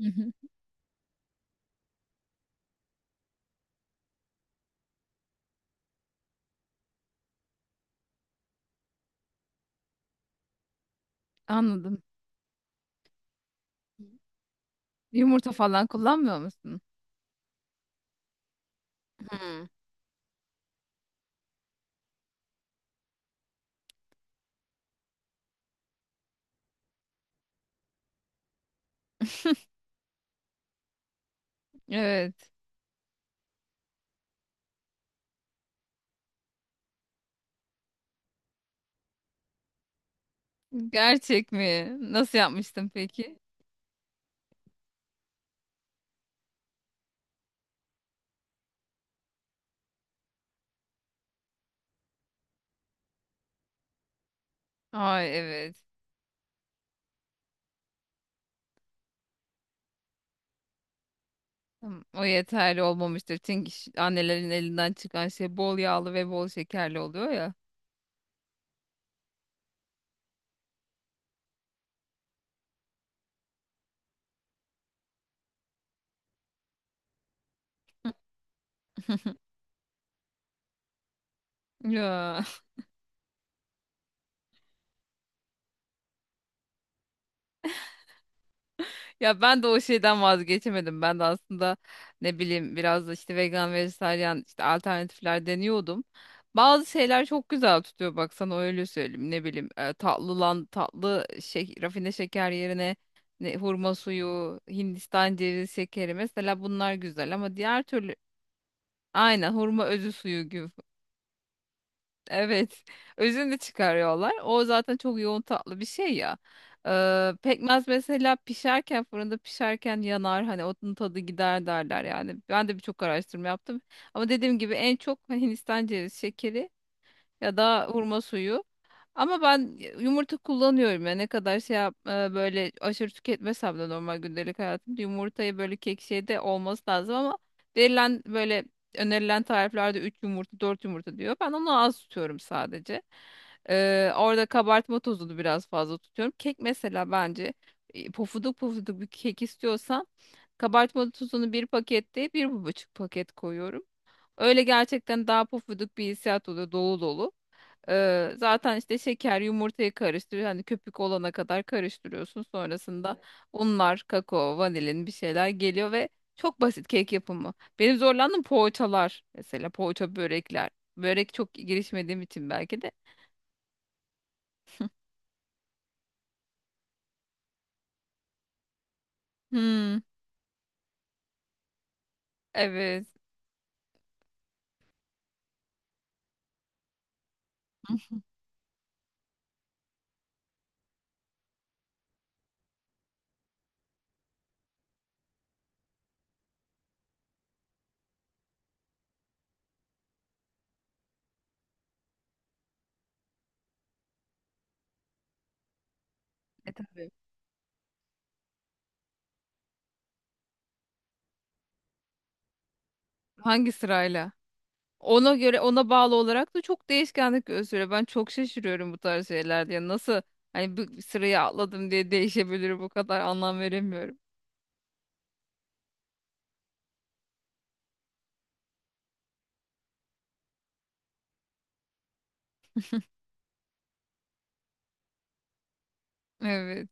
Hı hı. Anladım. Yumurta falan kullanmıyor musun? Hmm. Evet. Gerçek mi? Nasıl yapmıştın peki? Ay, evet. Tamam, o yeterli olmamıştır. Çünkü annelerin elinden çıkan şey bol yağlı ve bol şekerli oluyor ya. Ya. Ya ben de o şeyden vazgeçemedim. Ben de aslında ne bileyim biraz da işte vegan, vejetaryen işte alternatifler deniyordum. Bazı şeyler çok güzel tutuyor, bak sana öyle söyleyeyim. Ne bileyim tatlı lan tatlı şey, rafine şeker yerine ne, hurma suyu, Hindistan cevizi şekeri mesela bunlar güzel ama diğer türlü aynen hurma özü suyu gibi. Evet. Özünü de çıkarıyorlar. O zaten çok yoğun tatlı bir şey ya. Pekmez mesela pişerken, fırında pişerken yanar, hani onun tadı gider derler yani. Ben de birçok araştırma yaptım. Ama dediğim gibi en çok Hindistan cevizi şekeri ya da hurma suyu, ama ben yumurta kullanıyorum ya, ne kadar şey yap, böyle aşırı tüketmesem de normal gündelik hayatımda yumurtayı böyle kek şeyde olması lazım ama verilen böyle önerilen tariflerde 3 yumurta 4 yumurta diyor. Ben onu az tutuyorum sadece. Orada kabartma tozunu biraz fazla tutuyorum. Kek mesela bence pofuduk pofuduk bir kek istiyorsan kabartma tozunu bir pakette bir buçuk paket koyuyorum. Öyle gerçekten daha pofuduk bir hissiyat oluyor, dolu dolu. Zaten işte şeker yumurtayı karıştır, hani köpük olana kadar karıştırıyorsun. Sonrasında unlar, kakao, vanilin bir şeyler geliyor ve çok basit kek yapımı. Benim zorlandığım poğaçalar, mesela poğaça börekler. Börek çok girişmediğim için belki de. Hmm, evet. E tabii. Hangi sırayla? Ona göre, ona bağlı olarak da çok değişkenlik gösteriyor. Ben çok şaşırıyorum bu tarz şeylerde. Yani nasıl, hani bir sırayı atladım diye değişebilir, bu kadar anlam veremiyorum. Evet.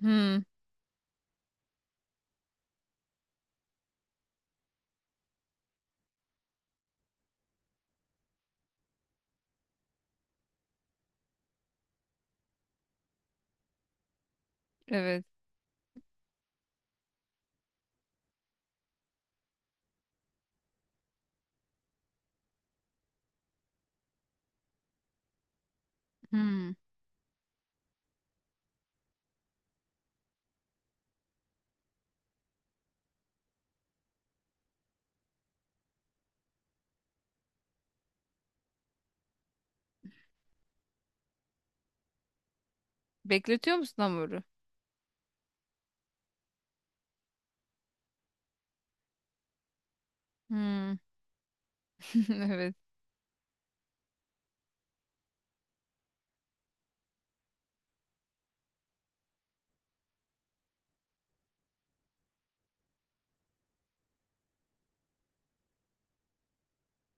Hmm. Evet. Hmm. Bekletiyor musun hamuru? Hmm. Evet.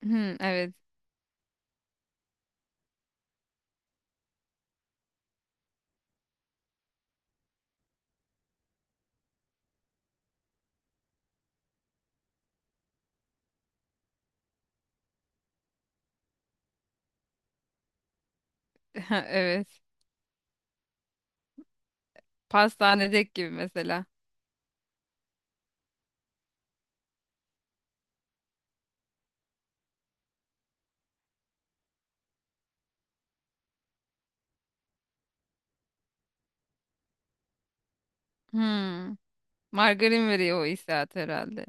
Hmm, evet. Evet. Pastanedeki gibi mesela. Hmm. Margarin veriyor o hissiyat herhalde.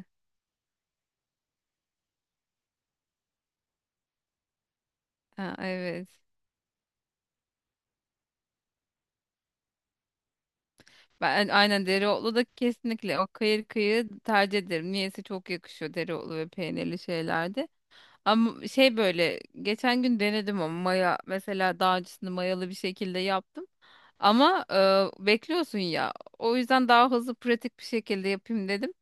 Ha, evet. Ben aynen dereotlu da kesinlikle o kıyır kıyır tercih ederim. Niyeyse çok yakışıyor dereotlu ve peynirli şeylerde. Ama şey böyle geçen gün denedim ama maya mesela daha öncesinde mayalı bir şekilde yaptım. Ama bekliyorsun ya. O yüzden daha hızlı pratik bir şekilde yapayım dedim.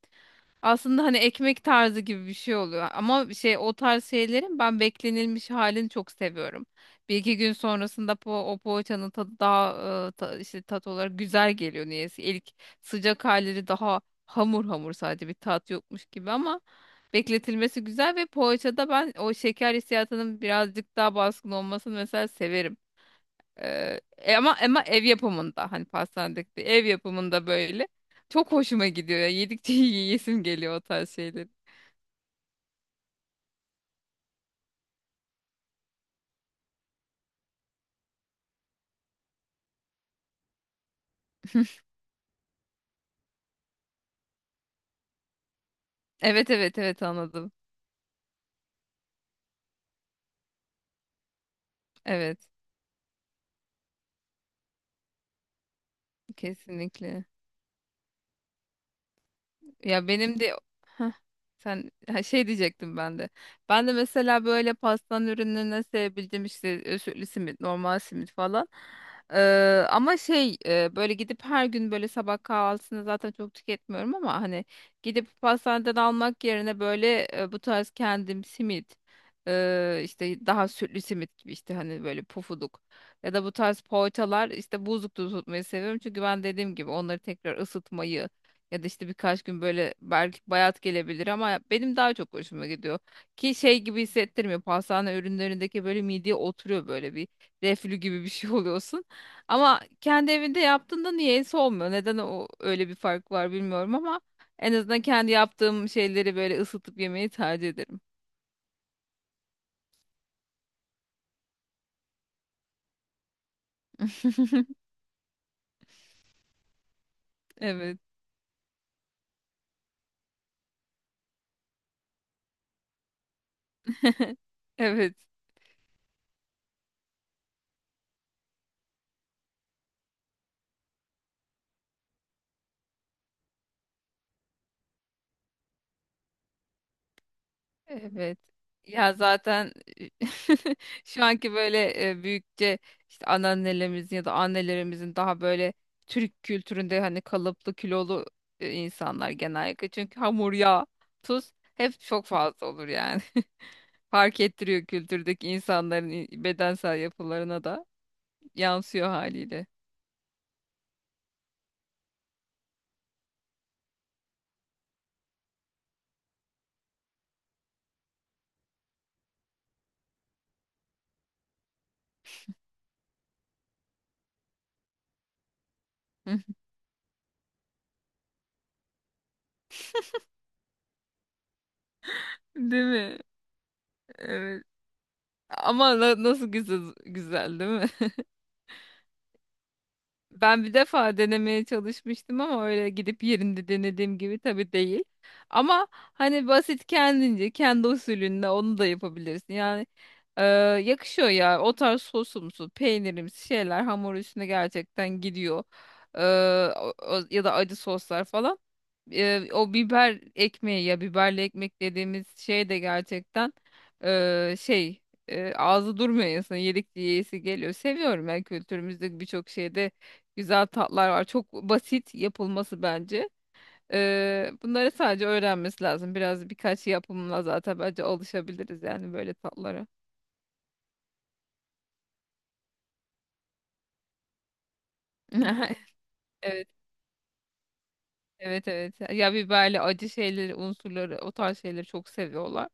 Aslında hani ekmek tarzı gibi bir şey oluyor. Ama şey o tarz şeylerin ben beklenilmiş halini çok seviyorum. Bir iki gün sonrasında o poğaçanın tadı daha işte tat olarak güzel geliyor niyeyse. İlk sıcak halleri daha hamur hamur, sadece bir tat yokmuş gibi ama bekletilmesi güzel ve poğaçada ben o şeker hissiyatının birazcık daha baskın olmasını mesela severim. Ama ev yapımında hani, pastanedeki değil, ev yapımında böyle çok hoşuma gidiyor ya. Yedikçe yiyesim geliyor o tarz şeyleri. Evet, evet, evet, anladım. Evet, kesinlikle. Ya benim de. Heh, sen ha, şey diyecektim ben de. Ben de mesela böyle pastan ürünlerine sevebildiğim işte özütlü simit, normal simit falan. Ama şey, böyle gidip her gün böyle sabah kahvaltısını zaten çok tüketmiyorum ama hani gidip pastaneden almak yerine böyle bu tarz kendim simit, işte daha sütlü simit gibi, işte hani böyle pufuduk ya da bu tarz poğaçalar işte buzlukta tutmayı seviyorum, çünkü ben dediğim gibi onları tekrar ısıtmayı ya da işte birkaç gün böyle belki bayat gelebilir ama benim daha çok hoşuma gidiyor. Ki şey gibi hissettirmiyor. Pastane ürünlerindeki böyle mideye oturuyor, böyle bir reflü gibi bir şey oluyorsun. Ama kendi evinde yaptığında niyeyse olmuyor. Neden o, öyle bir fark var bilmiyorum ama en azından kendi yaptığım şeyleri böyle ısıtıp yemeyi tercih ederim. Evet. Evet. Evet. Ya zaten şu anki böyle büyükçe, işte anneannelerimizin ya da annelerimizin daha böyle Türk kültüründe hani kalıplı kilolu insanlar genellikle. Çünkü hamur, yağ, tuz hep çok fazla olur yani. Fark ettiriyor, kültürdeki insanların bedensel yapılarına da yansıyor haliyle. Değil mi? Evet. Ama nasıl güzel, güzel değil mi? Ben bir defa denemeye çalışmıştım ama öyle gidip yerinde denediğim gibi tabii değil. Ama hani basit kendince, kendi usulünde onu da yapabilirsin. Yani e, yakışıyor ya, o tarz sosumsu, peynirimsi şeyler hamur üstüne gerçekten gidiyor. E, ya da acı soslar falan. O biber ekmeği ya biberli ekmek dediğimiz şey de gerçekten e, şey ağzı durmuyor insanın, yedikçe yiyesi geliyor. Seviyorum, ben kültürümüzde birçok şeyde güzel tatlar var. Çok basit yapılması bence. Bunları sadece öğrenmesi lazım. Biraz birkaç yapımla zaten bence alışabiliriz yani böyle tatlara. Evet, evet, evet. Ya biberli acı şeyleri, unsurları, o tarz şeyleri çok seviyorlar.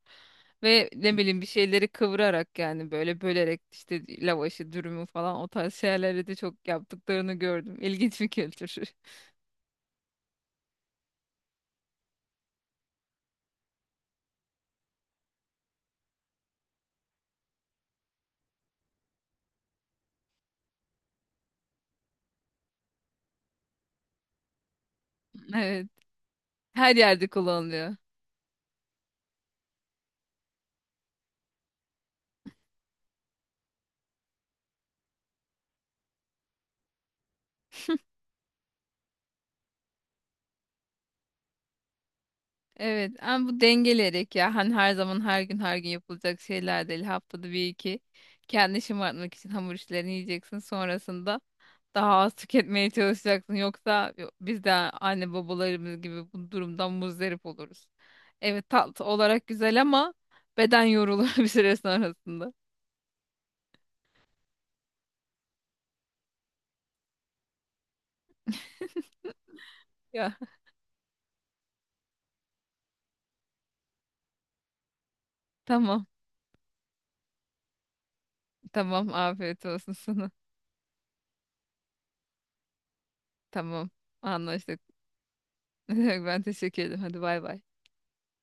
Ve ne bileyim bir şeyleri kıvırarak, yani böyle bölerek, işte lavaşı, dürümü falan, o tarz şeyleri de çok yaptıklarını gördüm. İlginç bir kültür. Evet. Her yerde kullanılıyor. Evet ama bu dengeleyerek, ya hani her zaman, her gün yapılacak şeyler değil, haftada bir iki kendini şımartmak için hamur işlerini yiyeceksin, sonrasında daha az tüketmeye çalışacaksın, yoksa biz de anne babalarımız gibi bu durumdan muzdarip oluruz. Evet, tatlı olarak güzel ama beden yorulur bir süre sonrasında. Ya tamam tamam, afiyet olsun sana. Tamam, anlaştık. Ben teşekkür ederim, hadi bay bay.